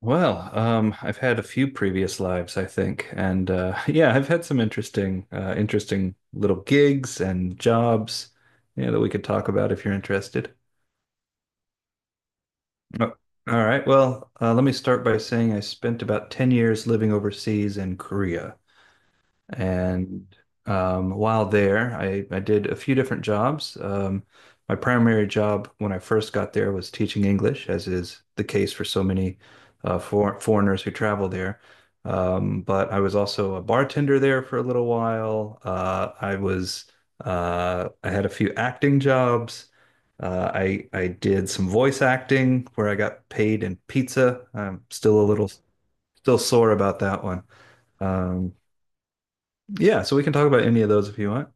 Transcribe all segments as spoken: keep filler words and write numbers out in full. Well, um, I've had a few previous lives, I think, and uh, yeah, I've had some interesting, uh, interesting little gigs and jobs, yeah, that we could talk about if you're interested. Oh, all right. Well, uh, let me start by saying I spent about ten years living overseas in Korea. And um, while there, I, I did a few different jobs. Um, my primary job when I first got there was teaching English, as is the case for so many uh, for foreigners who travel there. Um, but I was also a bartender there for a little while. Uh, I was uh, I had a few acting jobs. Uh, I I did some voice acting where I got paid in pizza. I'm still a little still sore about that one. Um, yeah, so we can talk about any of those if you want.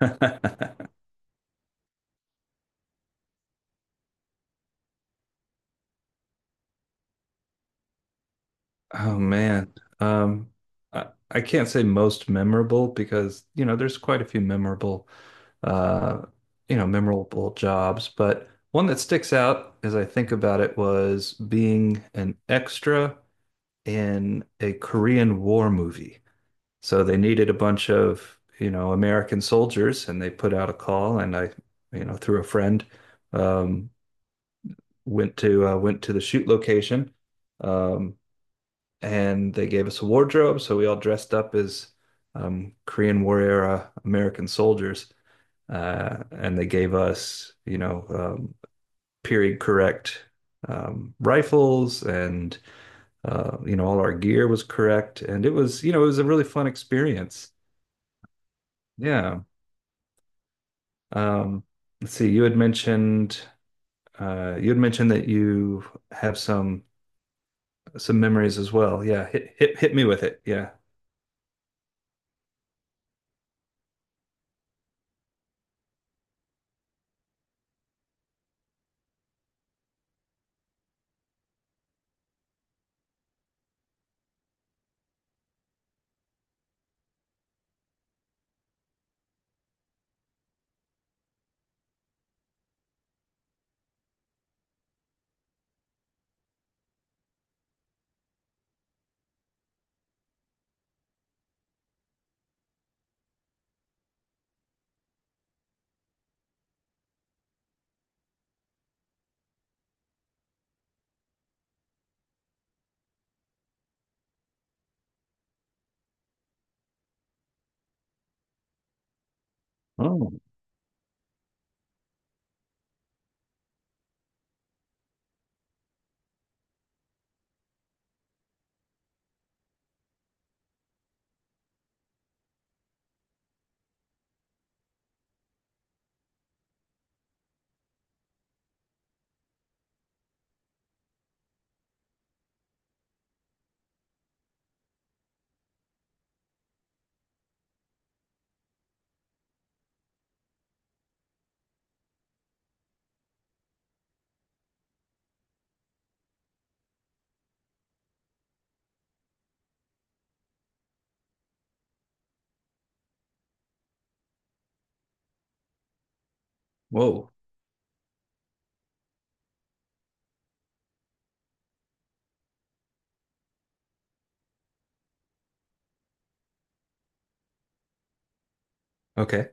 Oh man. Um I, I can't say most memorable because, you know, there's quite a few memorable uh you know, memorable jobs, but one that sticks out as I think about it was being an extra in a Korean War movie. So they needed a bunch of, you know, American soldiers and they put out a call and I, you know, through a friend, um went to uh, went to the shoot location, um, and they gave us a wardrobe, so we all dressed up as um, Korean War era American soldiers, uh, and they gave us, you know, um, period correct um, rifles, and uh, you know, all our gear was correct, and it was, you know, it was a really fun experience. Yeah. Um, let's see, you had mentioned uh, you had mentioned that you have some some memories as well. Yeah, hit hit hit me with it. Yeah. Oh, Whoa. Okay.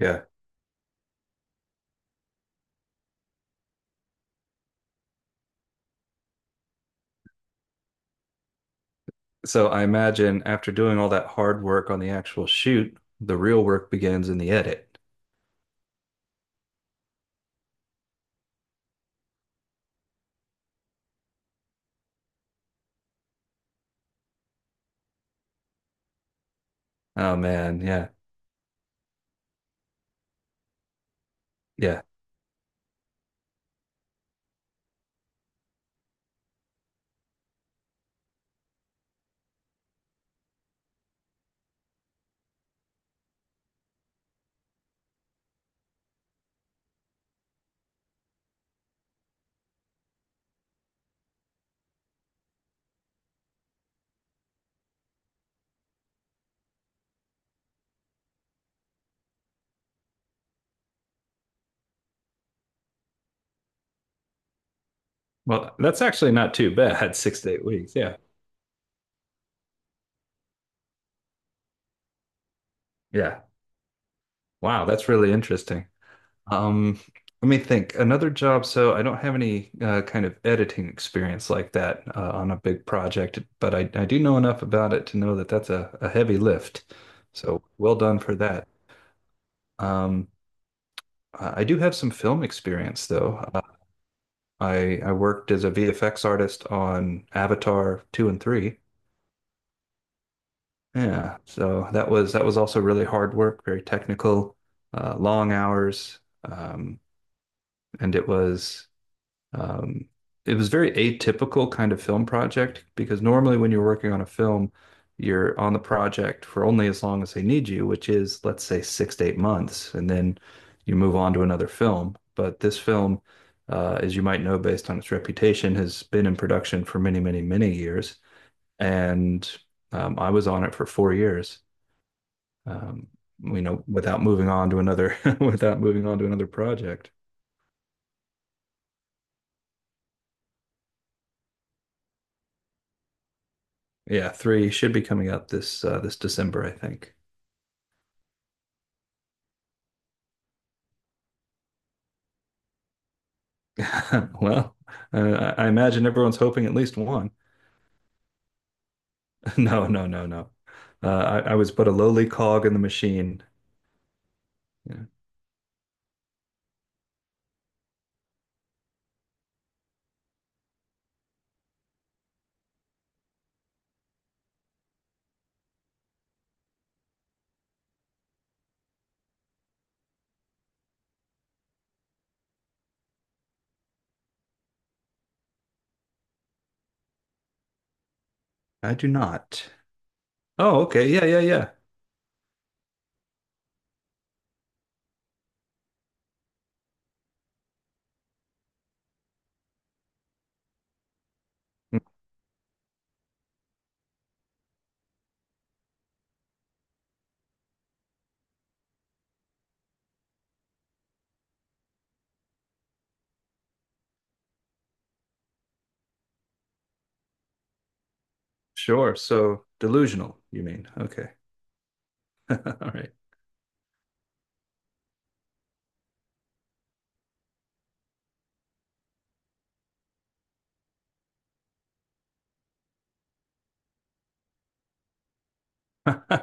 Yeah. So I imagine after doing all that hard work on the actual shoot, the real work begins in the edit. Oh man, yeah. Yeah. Well, that's actually not too bad. Six to eight weeks. Yeah. Yeah. Wow, that's really interesting. Um, Let me think. Another job. So I don't have any uh, kind of editing experience like that uh, on a big project, but I, I do know enough about it to know that that's a, a heavy lift. So well done for that. Um, I I do have some film experience though. Uh, I I worked as a V F X artist on Avatar two and three. Yeah, so that was that was also really hard work, very technical, uh, long hours, um, and it was Um, it was very atypical kind of film project because normally when you're working on a film, you're on the project for only as long as they need you, which is, let's say, six to eight months, and then you move on to another film. But this film, uh, as you might know, based on its reputation, has been in production for many, many, many years, and um, I was on it for four years. Um, you know, without moving on to another, without moving on to another project. Yeah, three should be coming out this uh, this December, I think. Well, uh, I I imagine everyone's hoping at least one. No, no, no, no. Uh, I, I was but a lowly cog in the machine. Yeah. I do not. Oh, okay. Yeah, yeah, yeah. Mm, sure. So delusional, you mean? Okay. All right. I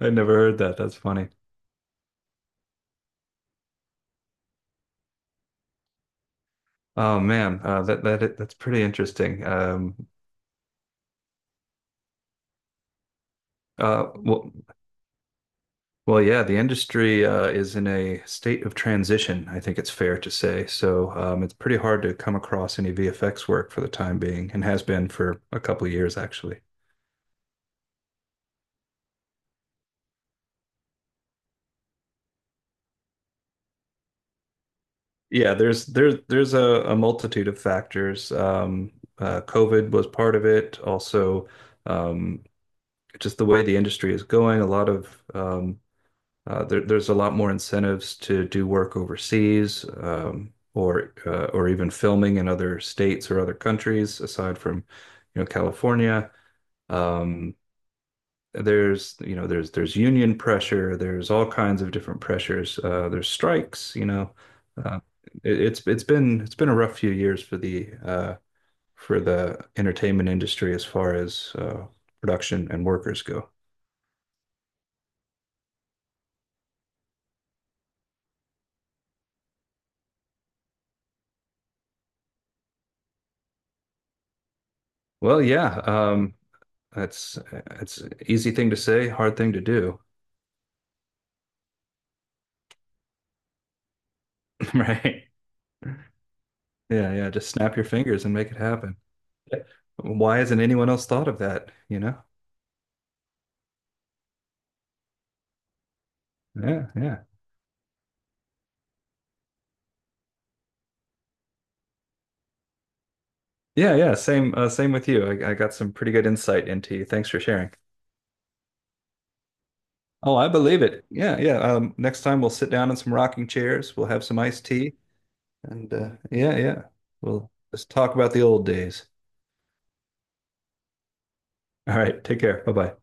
never heard that. That's funny. Oh man, uh, that that that's pretty interesting. Um, uh, well, Well, yeah, the industry uh, is in a state of transition, I think it's fair to say. So um, it's pretty hard to come across any V F X work for the time being, and has been for a couple of years actually. Yeah, there's there's there's a, a multitude of factors. Um, uh, COVID was part of it. Also, um, just the way the industry is going, a lot of um, Uh, there, there's a lot more incentives to do work overseas, um, or uh, or even filming in other states or other countries aside from, you know, California. Um, there's you know there's there's union pressure. There's all kinds of different pressures. Uh, there's strikes. You know, uh, it, it's it's been it's been a rough few years for the uh, for the entertainment industry as far as uh, production and workers go. Well, yeah. Um, That's it's easy thing to say, hard thing to do, right? Yeah, yeah. Just snap your fingers and make it happen. Yeah. Why hasn't anyone else thought of that? You know? Yeah, yeah, yeah, yeah. Same, uh, same with you. I, I got some pretty good insight into you. Thanks for sharing. Oh, I believe it. Yeah, yeah. Um, next time we'll sit down in some rocking chairs. We'll have some iced tea, and uh, yeah, yeah. We'll just talk about the old days. All right. Take care. Bye bye.